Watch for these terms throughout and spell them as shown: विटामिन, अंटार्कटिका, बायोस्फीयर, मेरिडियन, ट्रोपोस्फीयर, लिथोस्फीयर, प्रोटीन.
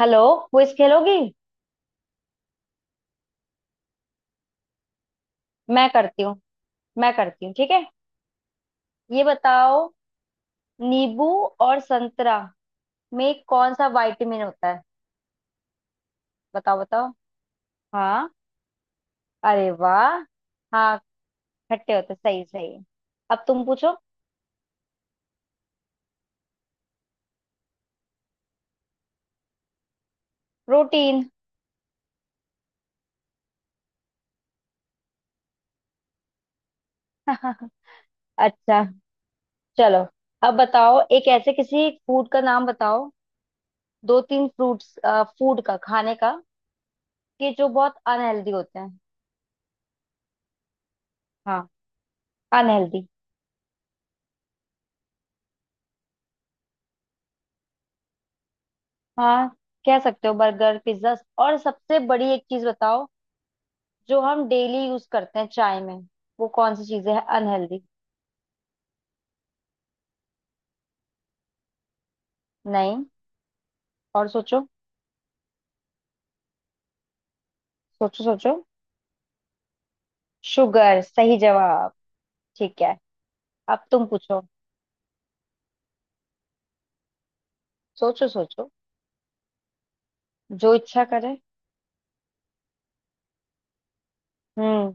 Hello. Quiz खेलोगी। मैं करती हूँ। मैं करती हूँ ठीक है। ये बताओ, नींबू और संतरा में कौन सा विटामिन होता है। बताओ बताओ। हाँ। अरे वाह। हाँ, खट्टे होते सही सही। अब तुम पूछो। प्रोटीन। अच्छा, चलो अब बताओ, एक ऐसे किसी फूड का नाम बताओ, दो तीन फ्रूट्स, फूड का, खाने का, कि जो बहुत अनहेल्दी होते हैं। हाँ, अनहेल्दी। हाँ कह सकते हो, बर्गर पिज्जा। और सबसे बड़ी एक चीज बताओ, जो हम डेली यूज करते हैं चाय में, वो कौन सी चीजें है अनहेल्दी। नहीं, और सोचो। सोचो सोचो। शुगर सही जवाब। ठीक है, अब तुम पूछो। सोचो सोचो, जो इच्छा करे। हम्म।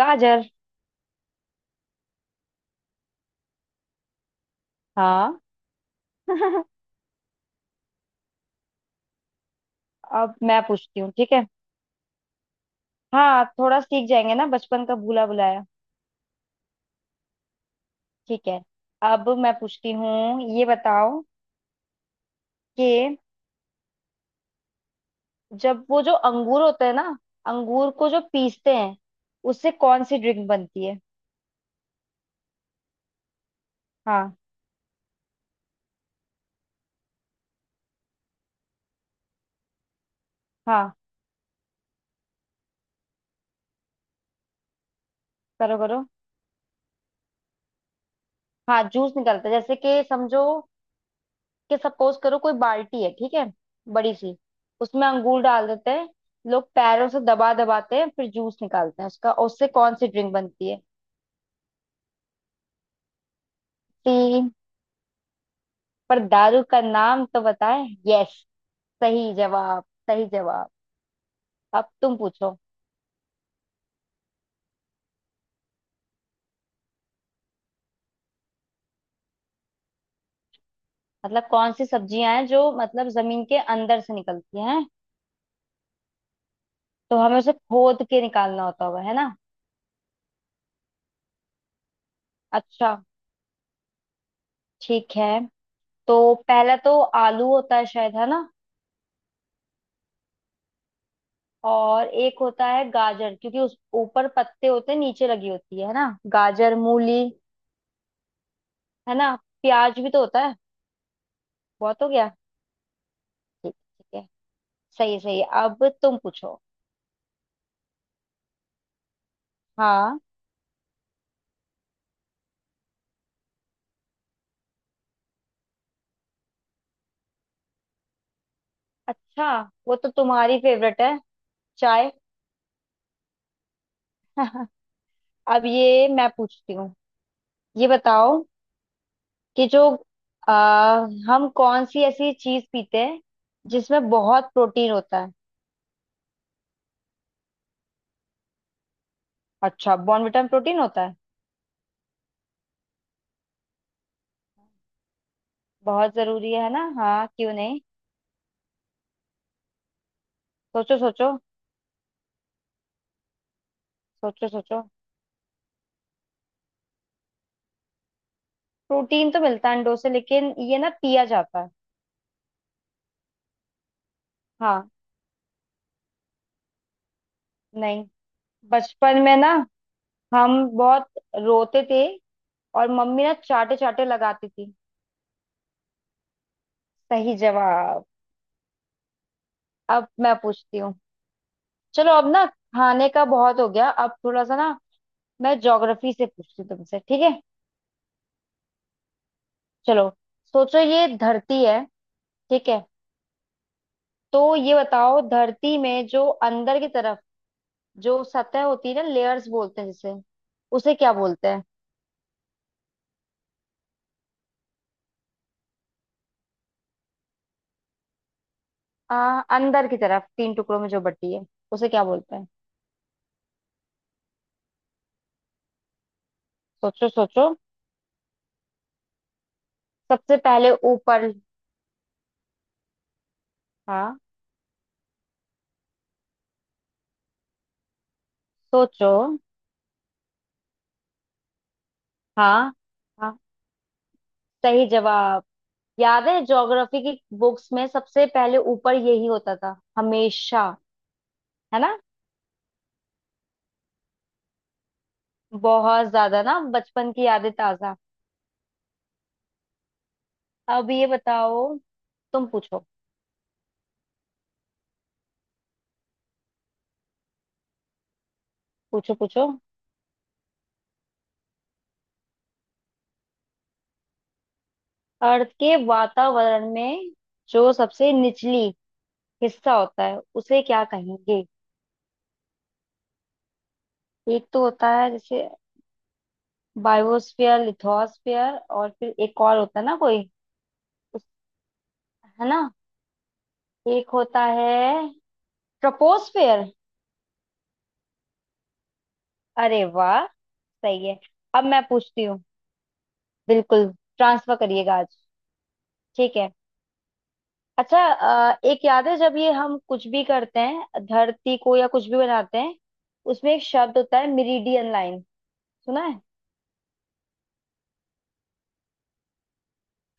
गाजर। हाँ। अब मैं पूछती हूँ ठीक है। हाँ, थोड़ा सीख जाएंगे ना, बचपन का भूला भुलाया। ठीक है, अब मैं पूछती हूँ, ये बताओ कि जब वो जो अंगूर होता है ना, अंगूर को जो पीसते हैं, उससे कौन सी ड्रिंक बनती है। हाँ। हाँ, करो करो। हाँ, जूस निकलता है, जैसे कि समझो कि सपोज करो, कोई बाल्टी है ठीक है, बड़ी सी, उसमें अंगूर डाल देते हैं, लोग पैरों से दबा दबाते हैं, फिर जूस निकालते हैं उसका, और उससे कौन सी ड्रिंक बनती है। 3, पर दारू का नाम तो बताएं, यस। सही जवाब। सही जवाब। अब तुम पूछो। मतलब कौन सी सब्जियां हैं जो मतलब जमीन के अंदर से निकलती हैं। तो हमें उसे खोद के निकालना होता होगा है ना। अच्छा, ठीक है। तो पहला तो आलू होता है शायद, है ना। और एक होता है गाजर, क्योंकि उस ऊपर पत्ते होते हैं, नीचे लगी होती है ना, गाजर मूली। है ना। प्याज भी तो होता है। बहुत हो गया। ठीक, ठीक है। सही है, सही है, अब तुम पूछो। हाँ। अच्छा, वो तो तुम्हारी फेवरेट है। चाय। अब ये मैं पूछती हूँ, ये बताओ कि जो आ, हम कौन सी ऐसी चीज पीते हैं जिसमें बहुत प्रोटीन होता है। अच्छा, बॉर्नविटा में प्रोटीन होता है। बहुत जरूरी है ना, हाँ क्यों नहीं। सोचो सोचो। सोचो सोचो। प्रोटीन तो मिलता है अंडों से, लेकिन ये ना पिया जाता है। हाँ। नहीं, बचपन में ना हम बहुत रोते थे, और मम्मी ना चाटे चाटे लगाती थी। सही जवाब। अब मैं पूछती हूँ। चलो अब ना, खाने का बहुत हो गया, अब थोड़ा सा ना मैं ज्योग्राफी से पूछती हूँ तुमसे, ठीक है। चलो, सोचो ये धरती है, ठीक है। तो ये बताओ, धरती में जो अंदर की तरफ जो सतह होती है ना, लेयर्स बोलते हैं जिसे, उसे क्या बोलते हैं। अंदर की तरफ तीन टुकड़ों में जो बटी है, उसे क्या बोलते हैं। सोचो सोचो, सबसे पहले ऊपर। हाँ। सोचो। हाँ। हाँ, सही जवाब। याद है, ज्योग्राफी की बुक्स में सबसे पहले ऊपर यही होता था हमेशा। है ना, बहुत ज्यादा ना बचपन की यादें ताजा। अब ये बताओ, तुम पूछो। पूछो पूछो। अर्थ के वातावरण में, जो सबसे निचली हिस्सा होता है, उसे क्या कहेंगे। एक तो होता है जैसे बायोस्फीयर, लिथोस्फीयर, और फिर एक और होता है ना कोई। उस- है ना। एक होता है ट्रोपोस्फीयर। अरे वाह। सही है, अब मैं पूछती हूँ। बिल्कुल, ट्रांसफर करिएगा आज। ठीक है। अच्छा, एक याद है, जब ये हम कुछ भी करते हैं धरती को, या कुछ भी बनाते हैं, उसमें एक शब्द होता है मिरीडियन लाइन, सुना है।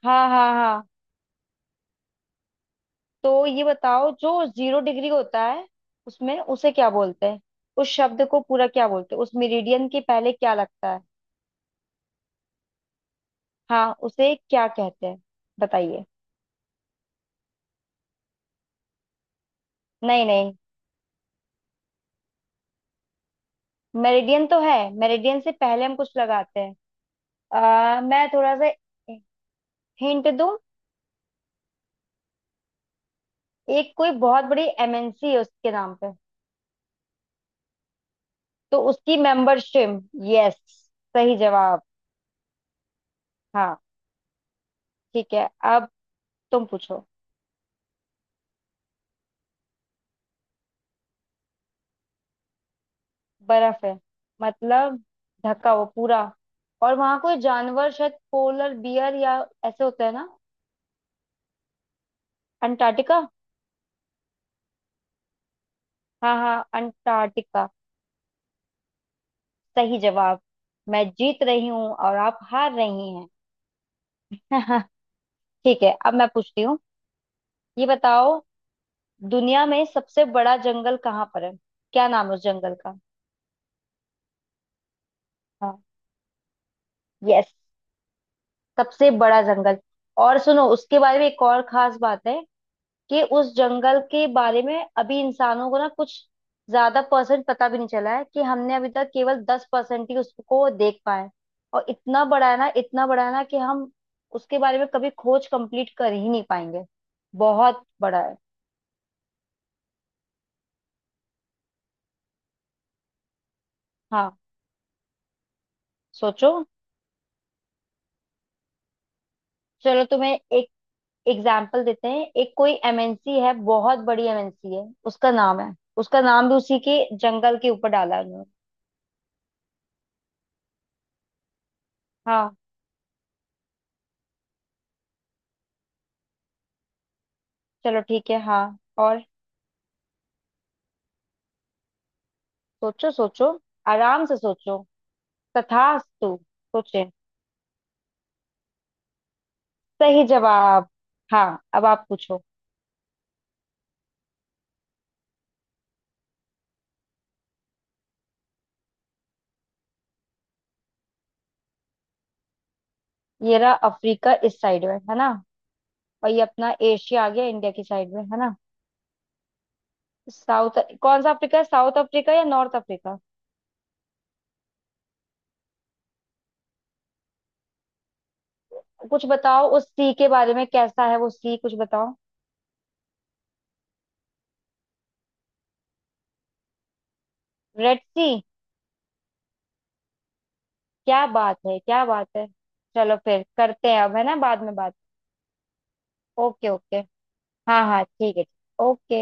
हाँ हाँ हाँ। तो ये बताओ, जो 0 डिग्री होता है, उसमें उसे क्या बोलते हैं, उस शब्द को पूरा क्या बोलते हैं, उस मेरिडियन के पहले क्या लगता है। हाँ, उसे क्या कहते हैं, बताइए। नहीं नहीं, मेरिडियन तो है, मेरिडियन से पहले हम कुछ लगाते हैं। मैं थोड़ा सा हिंट दूं, एक कोई बहुत बड़ी एमएनसी है उसके नाम पे, तो उसकी मेंबरशिप। यस, सही जवाब। हाँ ठीक है, अब तुम पूछो। बर्फ है, मतलब ढका हुआ पूरा। और वहां कोई जानवर, शायद पोलर बियर या ऐसे होता है ना। अंटार्कटिका। हाँ हाँ, अंटार्कटिका। सही जवाब। मैं जीत रही हूँ और आप हार रही हैं। ठीक है, अब मैं पूछती हूँ, ये बताओ, दुनिया में सबसे बड़ा जंगल कहाँ पर है, क्या नाम है उस जंगल का। हाँ। यस, सबसे बड़ा जंगल। और सुनो, उसके बारे में एक और खास बात है, कि उस जंगल के बारे में अभी इंसानों को ना कुछ ज्यादा परसेंट पता भी नहीं चला है, कि हमने अभी तक केवल 10% ही उसको देख पाए। और इतना बड़ा है ना, इतना बड़ा है ना, कि हम उसके बारे में कभी खोज कंप्लीट कर ही नहीं पाएंगे। बहुत बड़ा है। हाँ। सोचो, चलो तुम्हें एक एग्जाम्पल देते हैं, एक कोई एमएनसी है, बहुत बड़ी एमएनसी है, उसका नाम है, उसका नाम भी उसी के जंगल के ऊपर डाला है उन्होंने। हाँ, चलो ठीक है, हाँ। और सोचो सोचो, आराम से सोचो, तथास्तु। सोचे। सही जवाब। हाँ, अब आप पूछो। ये रहा अफ्रीका, इस साइड में है ना। और ये अपना एशिया आ गया इंडिया की साइड में, है ना। साउथ कौन सा अफ्रीका है, साउथ अफ्रीका या नॉर्थ अफ्रीका। कुछ बताओ उस सी के बारे में, कैसा है वो सी, कुछ बताओ। रेड सी। क्या बात है, क्या बात है। चलो फिर करते हैं अब है ना बाद में बात। Okay okay. हाँ हाँ ठीक है। ओके।